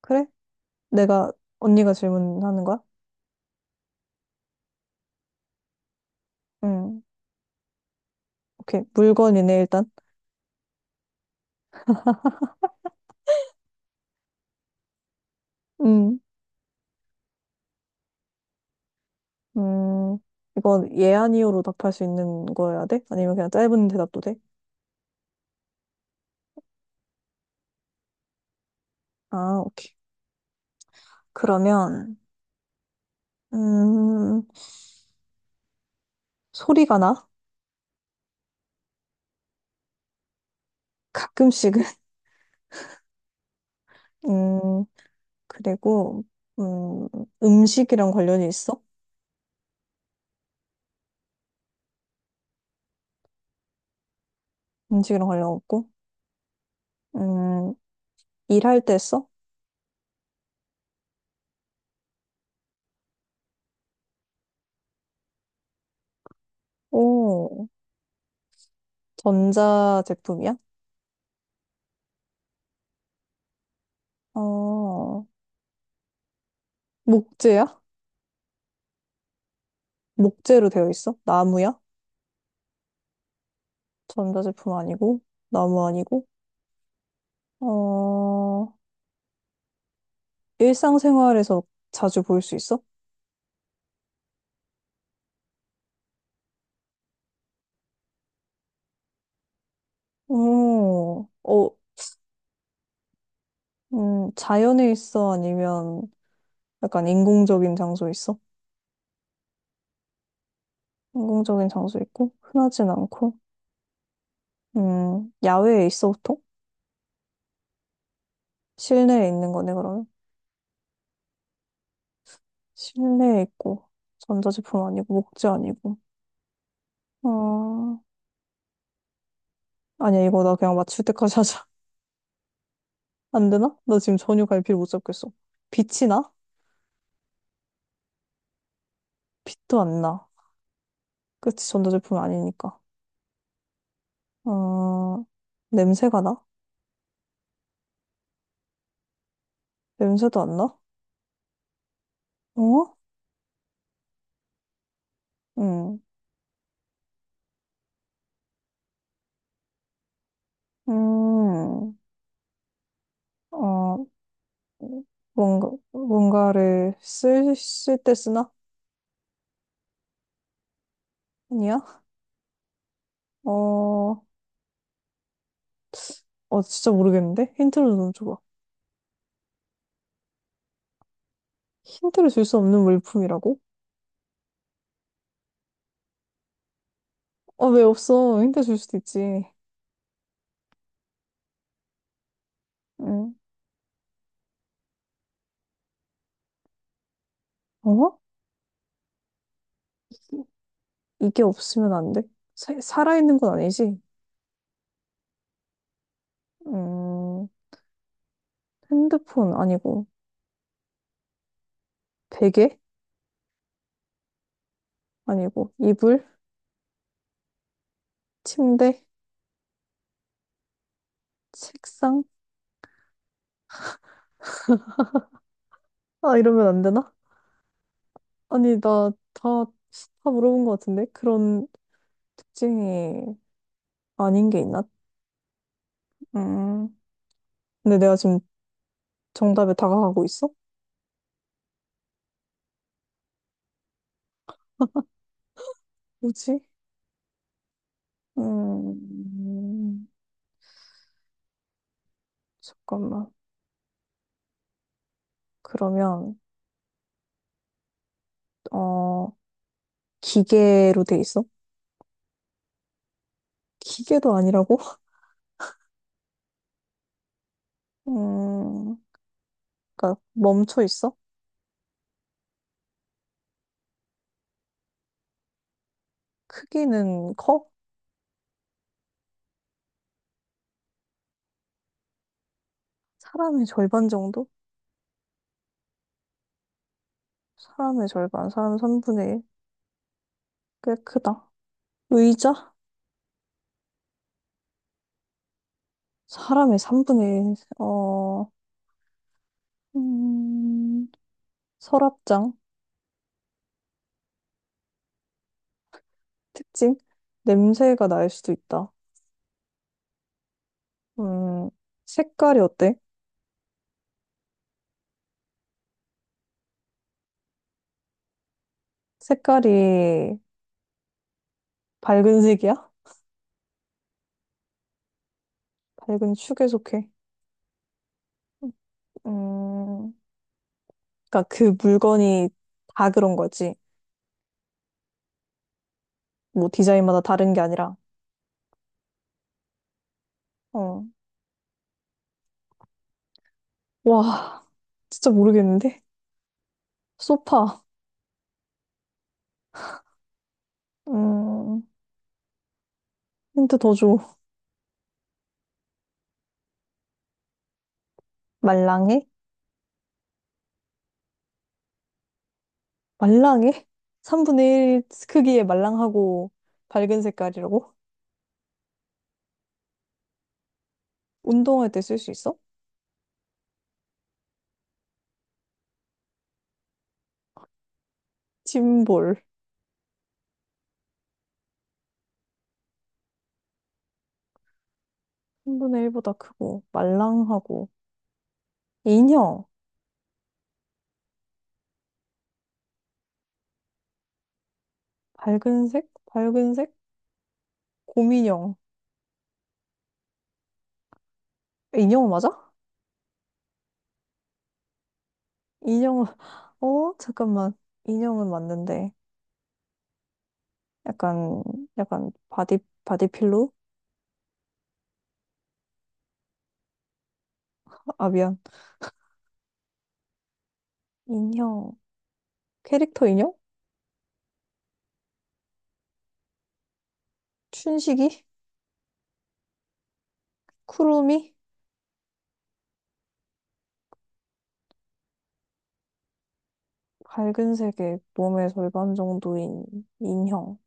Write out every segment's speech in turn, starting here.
그래? 내가, 언니가 질문하는 거야? 응. 오케이. 물건이네, 일단. 음. 음. 이건 예, 아니요로 답할 수 있는 거여야 돼? 아니면 그냥 짧은 대답도 돼? 아, 오케이. 그러면, 음, 소리가 나? 가끔씩은? 음, 그리고, 음, 음식이랑 관련이 있어? 음식이랑 관련 없고? 음, 일할 때 써? 오, 전자제품이야? 어, 목재야? 목재로 되어 있어? 나무야? 전자제품 아니고, 나무 아니고, 어, 일상생활에서 자주 볼 수 있어? 오, 어, 자연에 있어? 아니면 약간 인공적인 장소에 있어? 인공적인 장소 있고, 흔하진 않고, 야외에 있어, 보통? 실내에 있는 거네, 그러면. 실내에 있고, 전자제품 아니고, 목재 아니고, 어, 아니야, 이거 나 그냥 맞출 때까지 하자. 안 되나? 나 지금 전혀 갈피를 못 잡겠어. 빛이 나? 빛도 안 나. 그치, 전자제품 아니니까. 어, 냄새가 나? 냄새도 안 나? 어? 응. 음, 어, 뭔가를 쓸 때 쓰나? 아니야? 어, 어, 진짜 모르겠는데? 힌트를 좀 줘봐. 힌트를 줄 수 없는 물품이라고? 아, 왜 없어? 힌트 줄 수도 있지. 응. 어? 이게 없으면 안 돼? 사, 살아있는 건 아니지? 음, 핸드폰 아니고, 베개? 아니고, 이불? 침대? 책상? 아, 이러면 안 되나? 아니, 나 다, 다 물어본 것 같은데? 그런 특징이 아닌 게 있나? 음. 근데 내가 지금 정답에 다가가고 있어? 뭐지? 음, 잠깐만. 그러면, 어, 기계로 돼 있어? 기계도 아니라고? 음, 그러니까 멈춰 있어? 크기는 커? 사람의 절반 정도? 사람의 절반, 사람 3분의 1. 꽤 크다. 의자? 사람의 3분의 1, 어, 음, 서랍장? 특징? 냄새가 날 수도 있다. 음, 색깔이 어때? 색깔이 밝은 색이야? 밝은 축에 속해. 음, 그니까 그 물건이 다 그런 거지. 뭐 디자인마다 다른 게 아니라. 어. 와, 진짜 모르겠는데? 소파. 음, 힌트 더 줘. 말랑해? 말랑해? 3분의 1 크기의 말랑하고 밝은 색깔이라고? 운동할 때 쓸 수 있어? 짐볼. 3분의 1보다 크고, 말랑하고. 인형. 밝은 색? 밝은 색? 곰인형. 인형은 맞아? 인형은, 어? 잠깐만. 인형은 맞는데. 약간, 약간, 바디필로? 아, 미안. 인형. 캐릭터 인형? 춘식이? 쿠루미? 밝은 색의 몸의 절반 정도인 인형.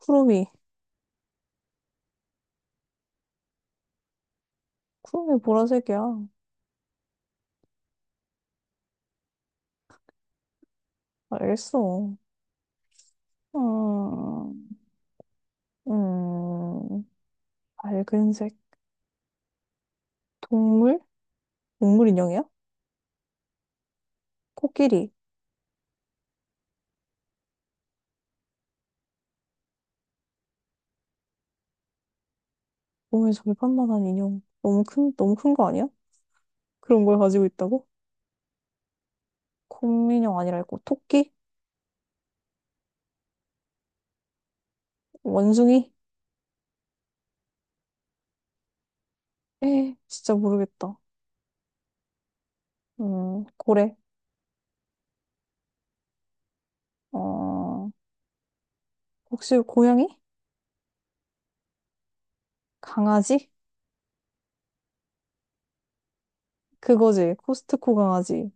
쿠루미. 구름이 보라색이야. 알겠어. 음, 음, 밝은색. 동물? 동물 인형이야? 코끼리. 몸에 절반만한 인형. 너무 큰 거 아니야? 그런 걸 가지고 있다고? 곰인형 아니라 있고, 토끼? 원숭이? 에, 진짜 모르겠다. 고래. 어, 혹시 고양이? 강아지? 그거지. 코스트코 강아지.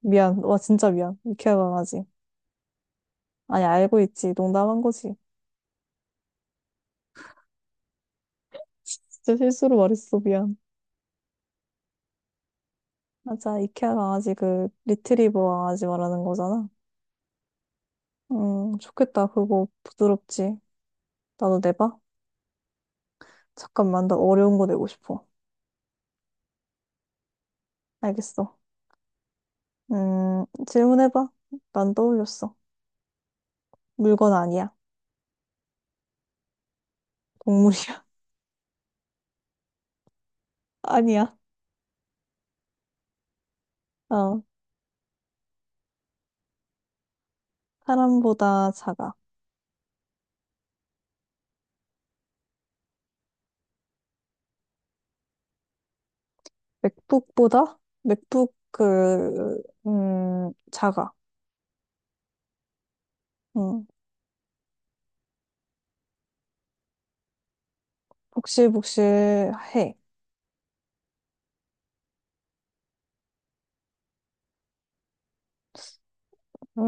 미안. 와, 진짜 미안. 이케아 강아지. 아니, 알고 있지. 농담한 거지. 진짜 실수로 말했어. 미안. 맞아, 이케아 강아지 그 리트리버 강아지 말하는 거잖아. 좋겠다. 그거 부드럽지. 나도 내봐. 잠깐만, 나 어려운 거 내고 싶어. 알겠어. 질문해봐. 난 떠올렸어. 물건 아니야. 동물이야. 아니야. 어, 사람보다 작아. 맥북보다? 맥북 그, 작아. 음, 복실복실해.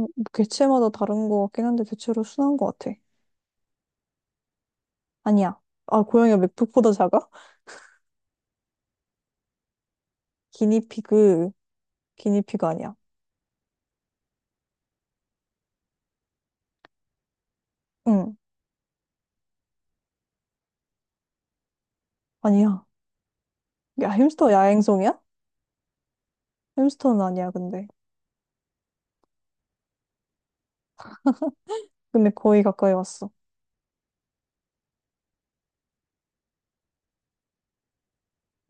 뭐 개체마다 다른 거 같긴 한데 대체로 순한 거 같아. 아니야. 아, 고양이가 맥북보다 작아? 기니피그, 기니피그 아니야. 응, 아니야. 야, 햄스터 야행성이야? 햄스터는 아니야, 근데. 근데 거의 가까이 왔어.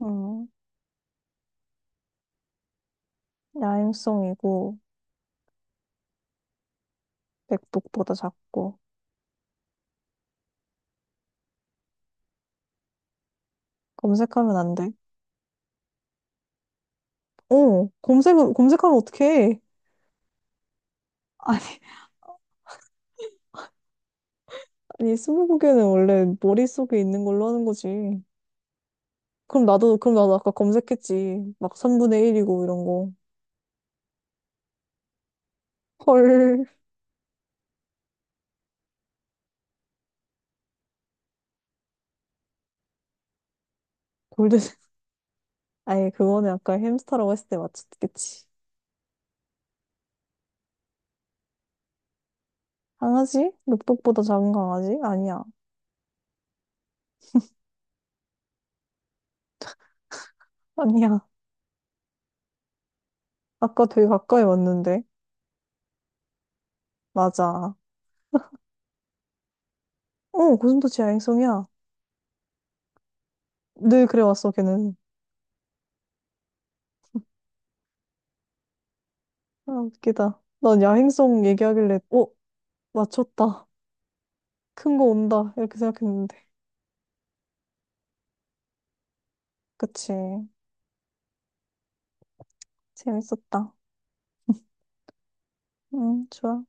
응, 야행성이고, 맥북보다 작고. 검색하면 안 돼. 어, 검색하면 어떡해. 아니, 아니, 스무고개는 원래 머릿속에 있는 걸로 하는 거지. 그럼 나도 아까 검색했지. 막 3분의 1이고 이런 거. 헐. 골든. 아니, 그거는 아까 햄스터라고 했을 때 맞췄겠지. 강아지? 늑독보다 작은 강아지? 아니야. 아니야. 아까 되게 가까이 왔는데. 맞아. 어, 고슴도치 야행성이야. 늘 그래 왔어, 걔는. 아, 웃기다. 난 야행성 얘기하길래, 어, 맞췄다. 큰 거 온다. 이렇게 생각했는데. 그치. 재밌었다. 응, 좋아.